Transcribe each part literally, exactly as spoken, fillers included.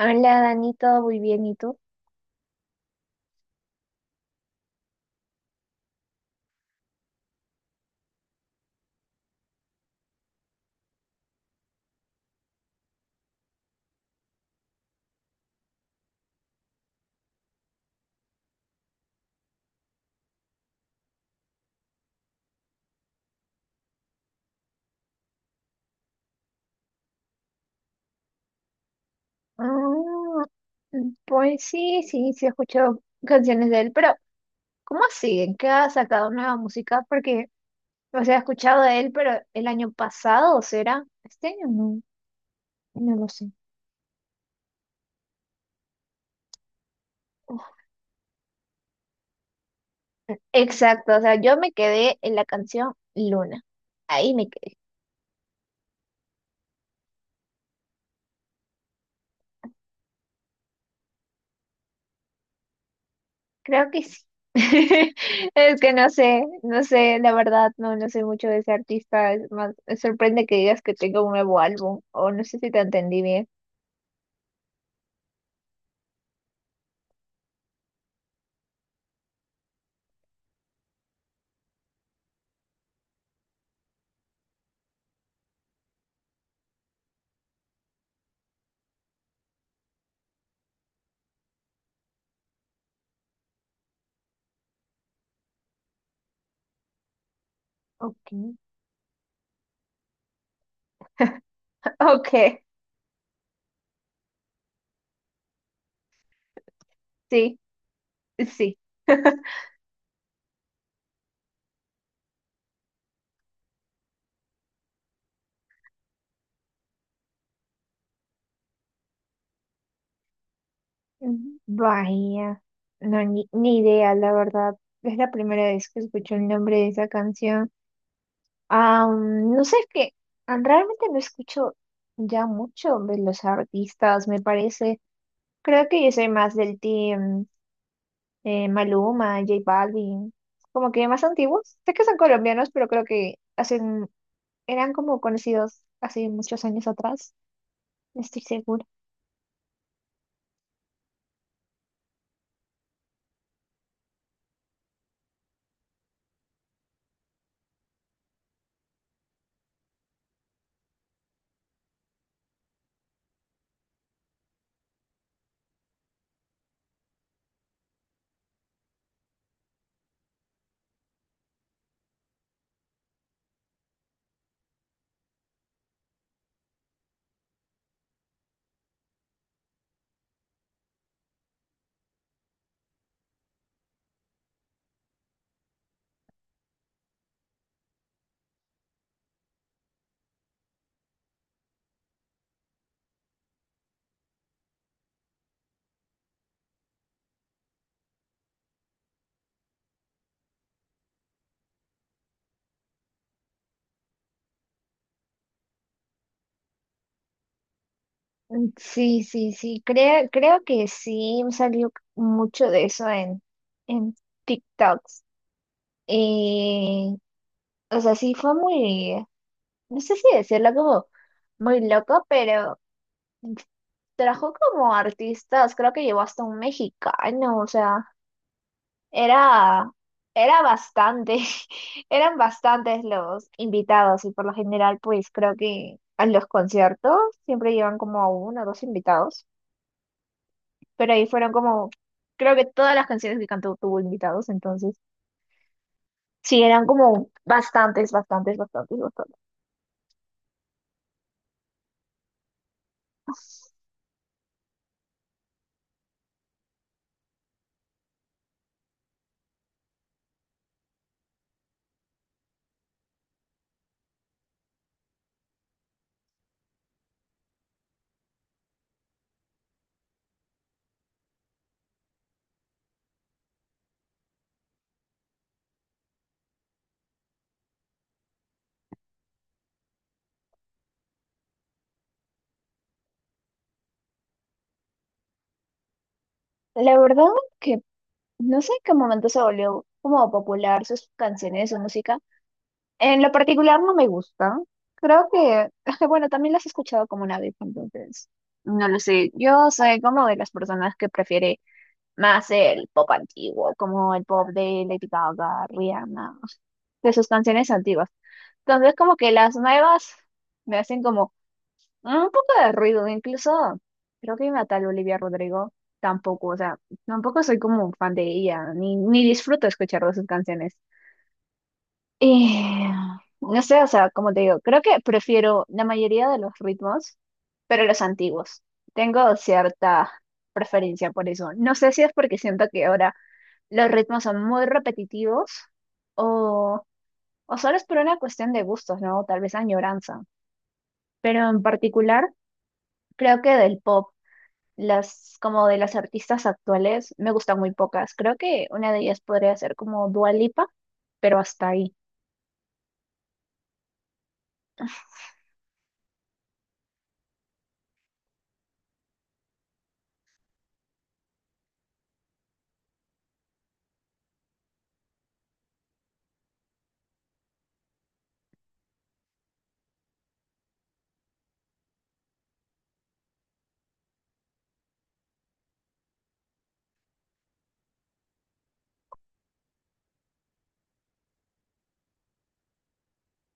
Hola Dani, todo muy bien, ¿y tú? Mm, pues sí, sí, sí he escuchado canciones de él, pero ¿cómo siguen? ¿Qué ha sacado nueva música? Porque, o sea, he escuchado de él, pero el año pasado, ¿será? ¿Este año? No, no lo sé. Exacto, o sea, yo me quedé en la canción Luna. Ahí me quedé. Creo que sí. Es que no sé, no sé, la verdad, no, no sé mucho de ese artista. Es más, me sorprende que digas que tenga un nuevo álbum, o no sé si te entendí bien. Ok. Ok, sí, sí. Mm, vaya, no, ni, ni idea, la verdad. Es la primera vez que escucho el nombre de esa canción. Ah, mm, no sé, es que ah, realmente no escucho ya mucho de los artistas, me parece. Creo que yo soy más del team eh, Maluma, J Balvin, como que más antiguos. Sé que son colombianos, pero creo que hacen, eran como conocidos hace muchos años atrás, no estoy segura. Mm, sí, sí, sí, creo, creo que sí salió mucho de eso en, en TikToks. Eh, o sea, sí fue muy, no sé si decirlo como muy loco, pero trajo como artistas, creo que llevó hasta un mexicano, o sea, era, era bastante, eran bastantes los invitados y por lo general pues creo que a los conciertos siempre llevan como a uno o dos invitados. Pero ahí fueron como, creo que todas las canciones que cantó tuvo invitados, entonces sí, eran como bastantes, bastantes, bastantes, bastantes. La verdad que no sé en qué momento se volvió como popular sus canciones, su música. En lo particular no me gusta. Creo que, bueno, también las he escuchado como una vez, entonces, no lo sé. Yo soy como de las personas que prefiere más el pop antiguo, como el pop de Lady Gaga, Rihanna, de sus canciones antiguas. Entonces, como que las nuevas me hacen como mm, un poco de ruido, incluso creo que una tal Olivia Rodrigo tampoco, o sea, tampoco soy como un fan de ella, ni, ni disfruto escuchar de sus canciones. Y no sé, o sea, como te digo, creo que prefiero la mayoría de los ritmos, pero los antiguos. Tengo cierta preferencia por eso. No sé si es porque siento que ahora los ritmos son muy repetitivos o, o solo es por una cuestión de gustos, ¿no? Tal vez añoranza. Pero en particular creo que del pop, las como de las artistas actuales, me gustan muy pocas. Creo que una de ellas podría ser como Dua Lipa, pero hasta ahí.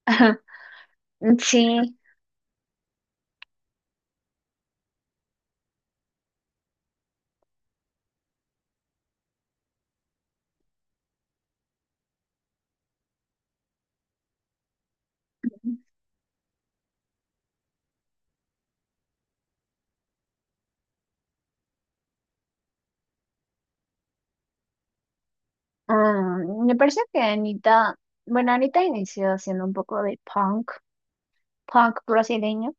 Sí, mm, me parece que Anita, bueno, Anita inició haciendo un poco de punk, punk brasileño.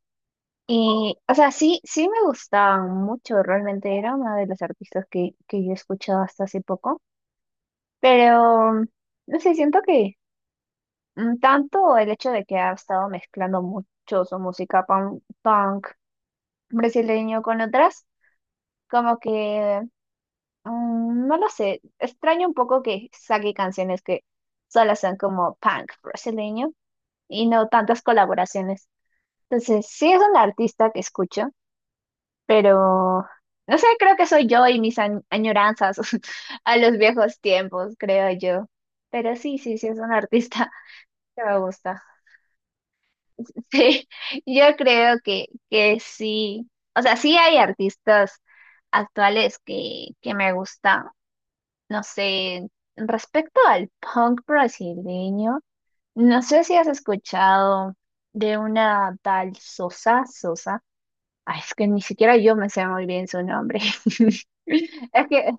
Y, o sea, sí, sí me gustaban mucho, realmente era una de las artistas que, que yo escuchaba hasta hace poco, pero no sé, siento que Mm, tanto el hecho de que ha estado mezclando mucho su música punk, punk brasileño con otras, como que, mm, no lo sé, extraño un poco que saque canciones que solo son como punk brasileño y no tantas colaboraciones. Entonces, sí es un artista que escucho, pero no sé, creo que soy yo y mis añ- añoranzas a los viejos tiempos, creo yo. Pero sí, sí, sí es un artista que me gusta. Sí, yo creo que, que sí. O sea, sí hay artistas actuales que, que me gustan. No sé, respecto al punk brasileño, no sé si has escuchado de una tal Sosa Sosa. Ay, es que ni siquiera yo me sé muy bien su nombre. Es que...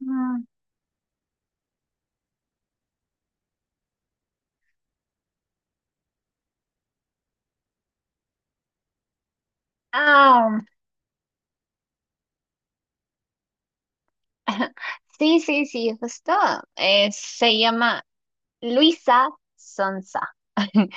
mm, Ah, sí, sí, sí, justo. eh, se llama Luisa Sonsa.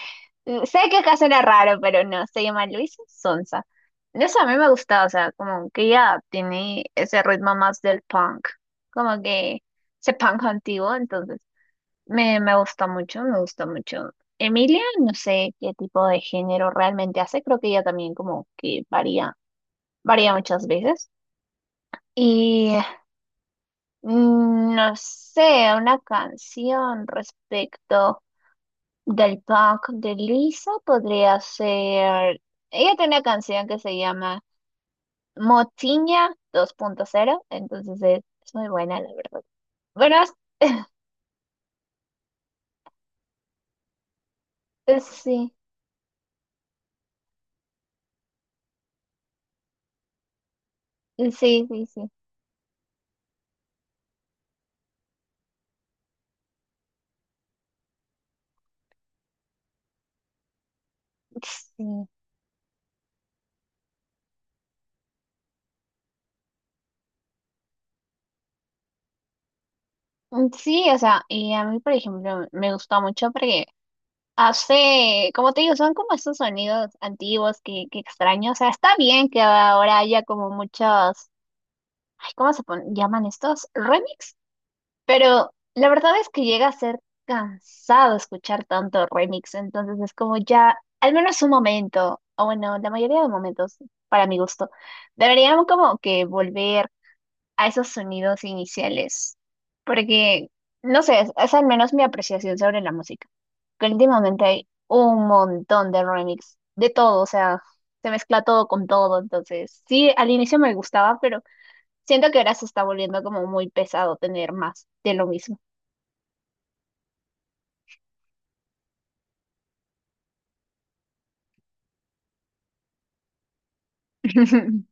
Sé que acá suena raro, pero no, se llama Luisa Sonsa. No sé, a mí me gusta, o sea, como que ella tiene ese ritmo más del punk, como que ese punk antiguo, entonces me, me gusta mucho, me gusta mucho. Emilia, no sé qué tipo de género realmente hace, creo que ella también como que varía, varía muchas veces. Y mm, no sé, una canción respecto. Del punk de Lisa podría ser. Ella tiene una canción que se llama Motiña dos punto cero, entonces es, es muy buena, la verdad. Bueno, es- es- sí, sí, sí, sí, sí. Sí, o sea, y a mí, por ejemplo, me gusta mucho porque hace, como te digo, son como esos sonidos antiguos que, que extraño. O sea, está bien que ahora haya como muchos, ay, ¿cómo se pon- llaman estos? Remix. Pero la verdad es que llega a ser cansado escuchar tanto remix, entonces es como ya, al menos un momento, o bueno, la mayoría de momentos, para mi gusto, deberíamos como que volver a esos sonidos iniciales, porque, no sé, es, es al menos mi apreciación sobre la música, que últimamente hay un montón de remix, de todo, o sea, se mezcla todo con todo, entonces sí, al inicio me gustaba, pero siento que ahora se está volviendo como muy pesado tener más de lo mismo.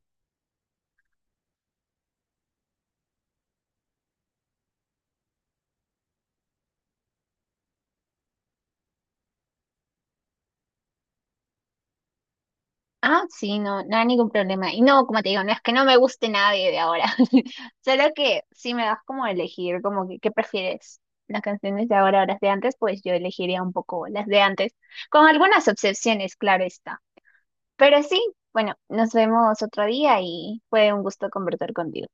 Ah, sí, no, no hay ningún problema. Y no, como te digo, no es que no me guste nadie de ahora, solo que si me das como a elegir, como que, ¿qué prefieres? Las canciones de ahora o las de antes, pues yo elegiría un poco las de antes, con algunas excepciones, claro está. Pero sí, bueno, nos vemos otro día y fue un gusto conversar contigo.